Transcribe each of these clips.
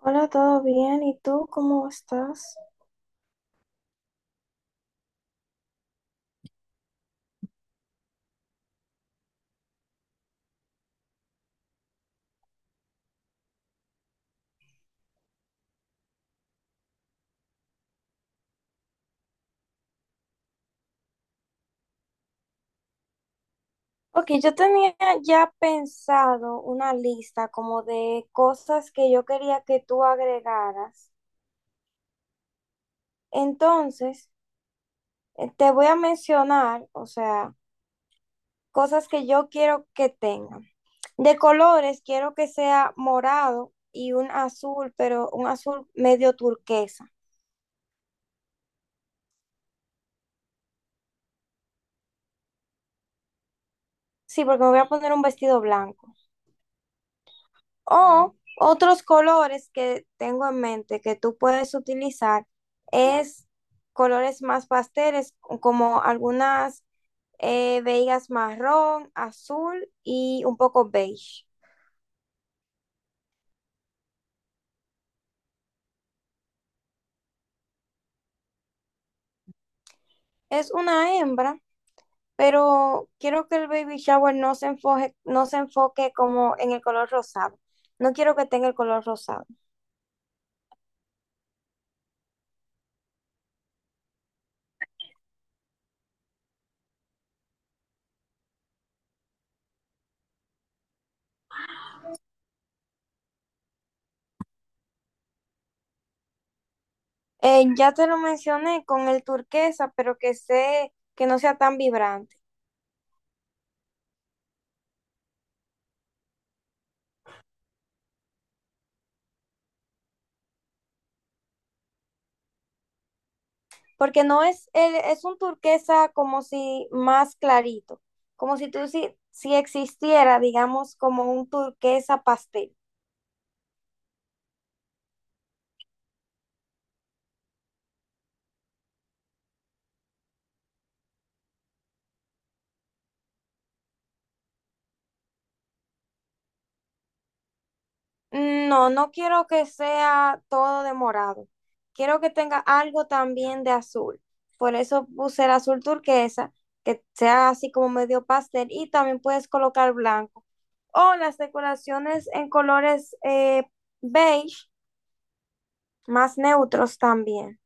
Hola, ¿todo bien? ¿Y tú cómo estás? Ok, yo tenía ya pensado una lista como de cosas que yo quería que tú agregaras. Entonces, te voy a mencionar, o sea, cosas que yo quiero que tengan. De colores, quiero que sea morado y un azul, pero un azul medio turquesa. Sí, porque me voy a poner un vestido blanco. O otros colores que tengo en mente que tú puedes utilizar es colores más pasteles, como algunas veigas marrón, azul y un poco beige. Es una hembra, pero quiero que el baby shower no se enfoque como en el color rosado. No quiero que tenga el color rosado. Ya te lo mencioné con el turquesa, pero que sé que no sea tan vibrante, porque no es, el- es un turquesa como si más clarito, como si tú si existiera, digamos, como un turquesa pastel. No, no quiero que sea todo de morado, quiero que tenga algo también de azul, por eso puse el azul turquesa, que sea así como medio pastel, y también puedes colocar blanco, o las decoraciones en colores beige, más neutros también.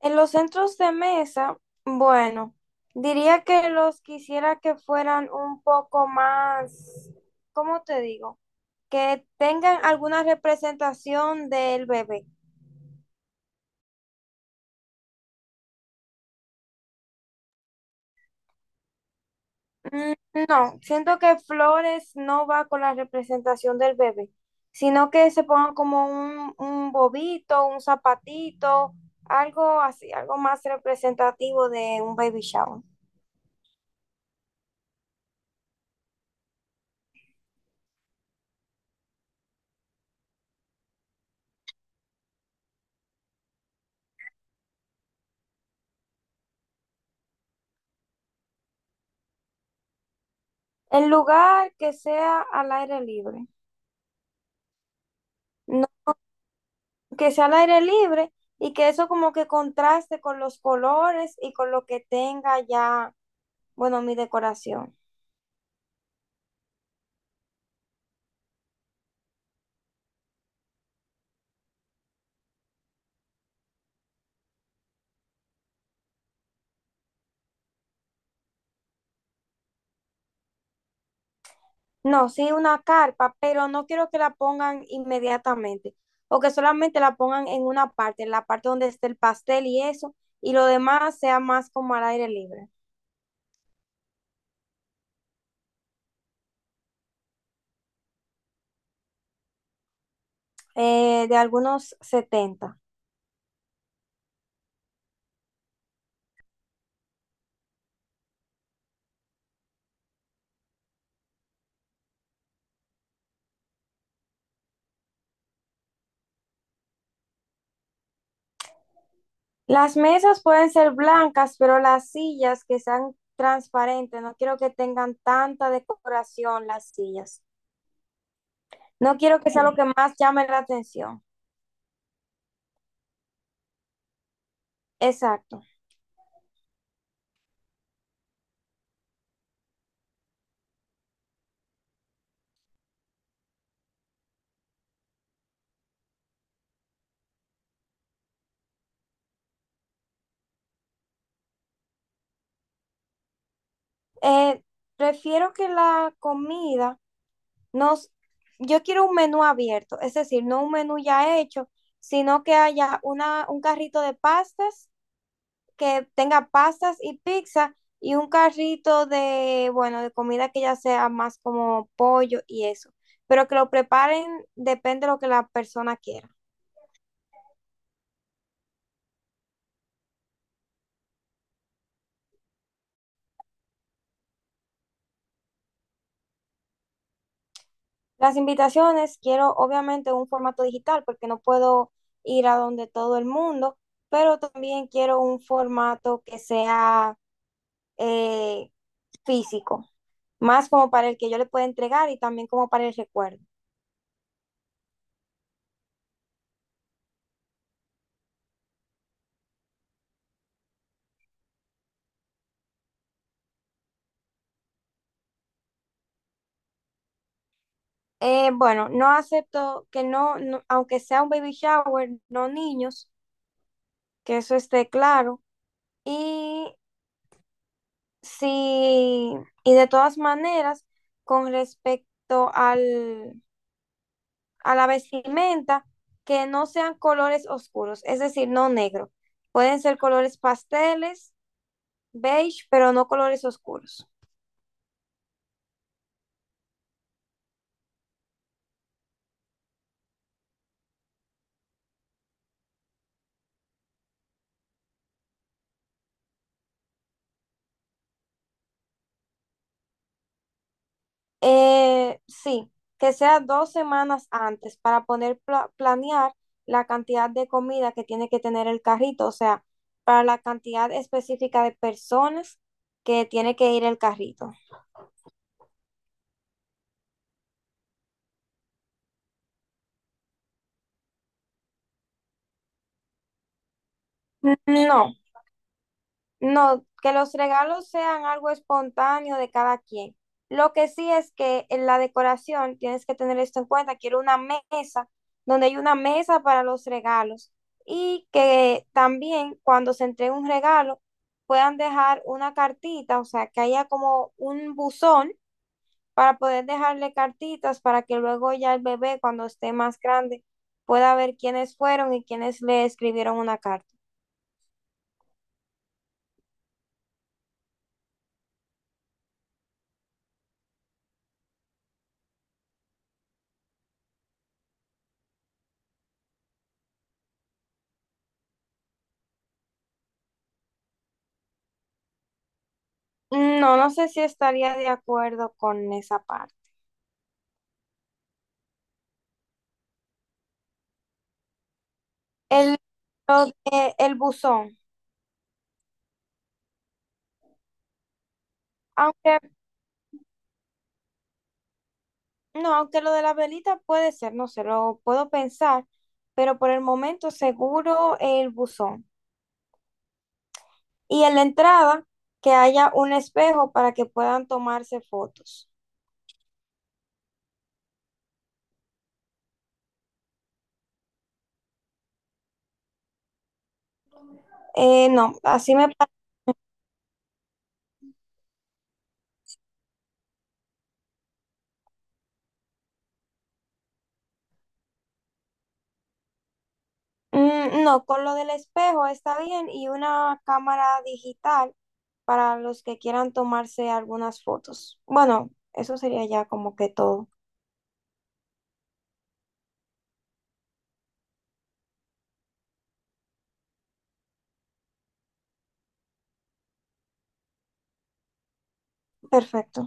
En los centros de mesa, bueno, diría que los quisiera que fueran un poco más, ¿cómo te digo? Que tengan alguna representación del bebé. Mm, no, siento que flores no va con la representación del bebé, sino que se pongan como un bobito, un zapatito, algo así, algo más representativo de un baby shower. El lugar que sea al aire libre. No, que sea al aire libre y que eso como que contraste con los colores y con lo que tenga ya, bueno, mi decoración. No, sí, una carpa, pero no quiero que la pongan inmediatamente o que solamente la pongan en una parte, en la parte donde esté el pastel y eso, y lo demás sea más como al aire libre. De algunos 70. Las mesas pueden ser blancas, pero las sillas que sean transparentes, no quiero que tengan tanta decoración las sillas. No quiero que sea lo que más llame la atención. Exacto. Eh, Prefiero que Nos, yo quiero un menú abierto, es decir, no un menú ya hecho, sino que haya un carrito de pastas, que tenga pastas y pizza, y un carrito de, bueno, de comida que ya sea más como pollo y eso. Pero que lo preparen depende de lo que la persona quiera. Las invitaciones quiero obviamente un formato digital porque no puedo ir a donde todo el mundo, pero también quiero un formato que sea eh, físico, más como para el que yo le pueda entregar y también como para el recuerdo. Bueno, no acepto que no, no- aunque sea un baby shower, no niños, que eso esté claro. Y sí, y de todas maneras, con respecto al a la vestimenta que no sean colores oscuros, es decir, no negro. Pueden ser colores pasteles, beige, pero no colores oscuros. Sí, que sea 2 semanas antes para poder planear la cantidad de comida que tiene que tener el carrito, o sea, para la cantidad específica de personas que tiene que ir el carrito. No, no, que los regalos sean algo espontáneo de cada quien. Lo que sí es que en la decoración tienes que tener esto en cuenta. Quiero una mesa donde hay una mesa para los regalos, y que también cuando se entregue un regalo puedan dejar una cartita, o sea, que haya como un buzón para poder dejarle cartitas para que luego ya el bebé, cuando esté más grande, pueda ver quiénes fueron y quiénes le escribieron una carta. Mm, no, no sé si estaría de acuerdo con esa parte. El, el buzón. Aunque No, aunque lo de la velita puede ser, no sé, lo puedo pensar, pero por el momento seguro el buzón. Y en la entrada, que haya un espejo para que puedan tomarse fotos. No, así me... pa- Mm, no, con lo del espejo está bien y una cámara digital para los que quieran tomarse algunas fotos. Bueno, eso sería ya como que todo. Perfecto.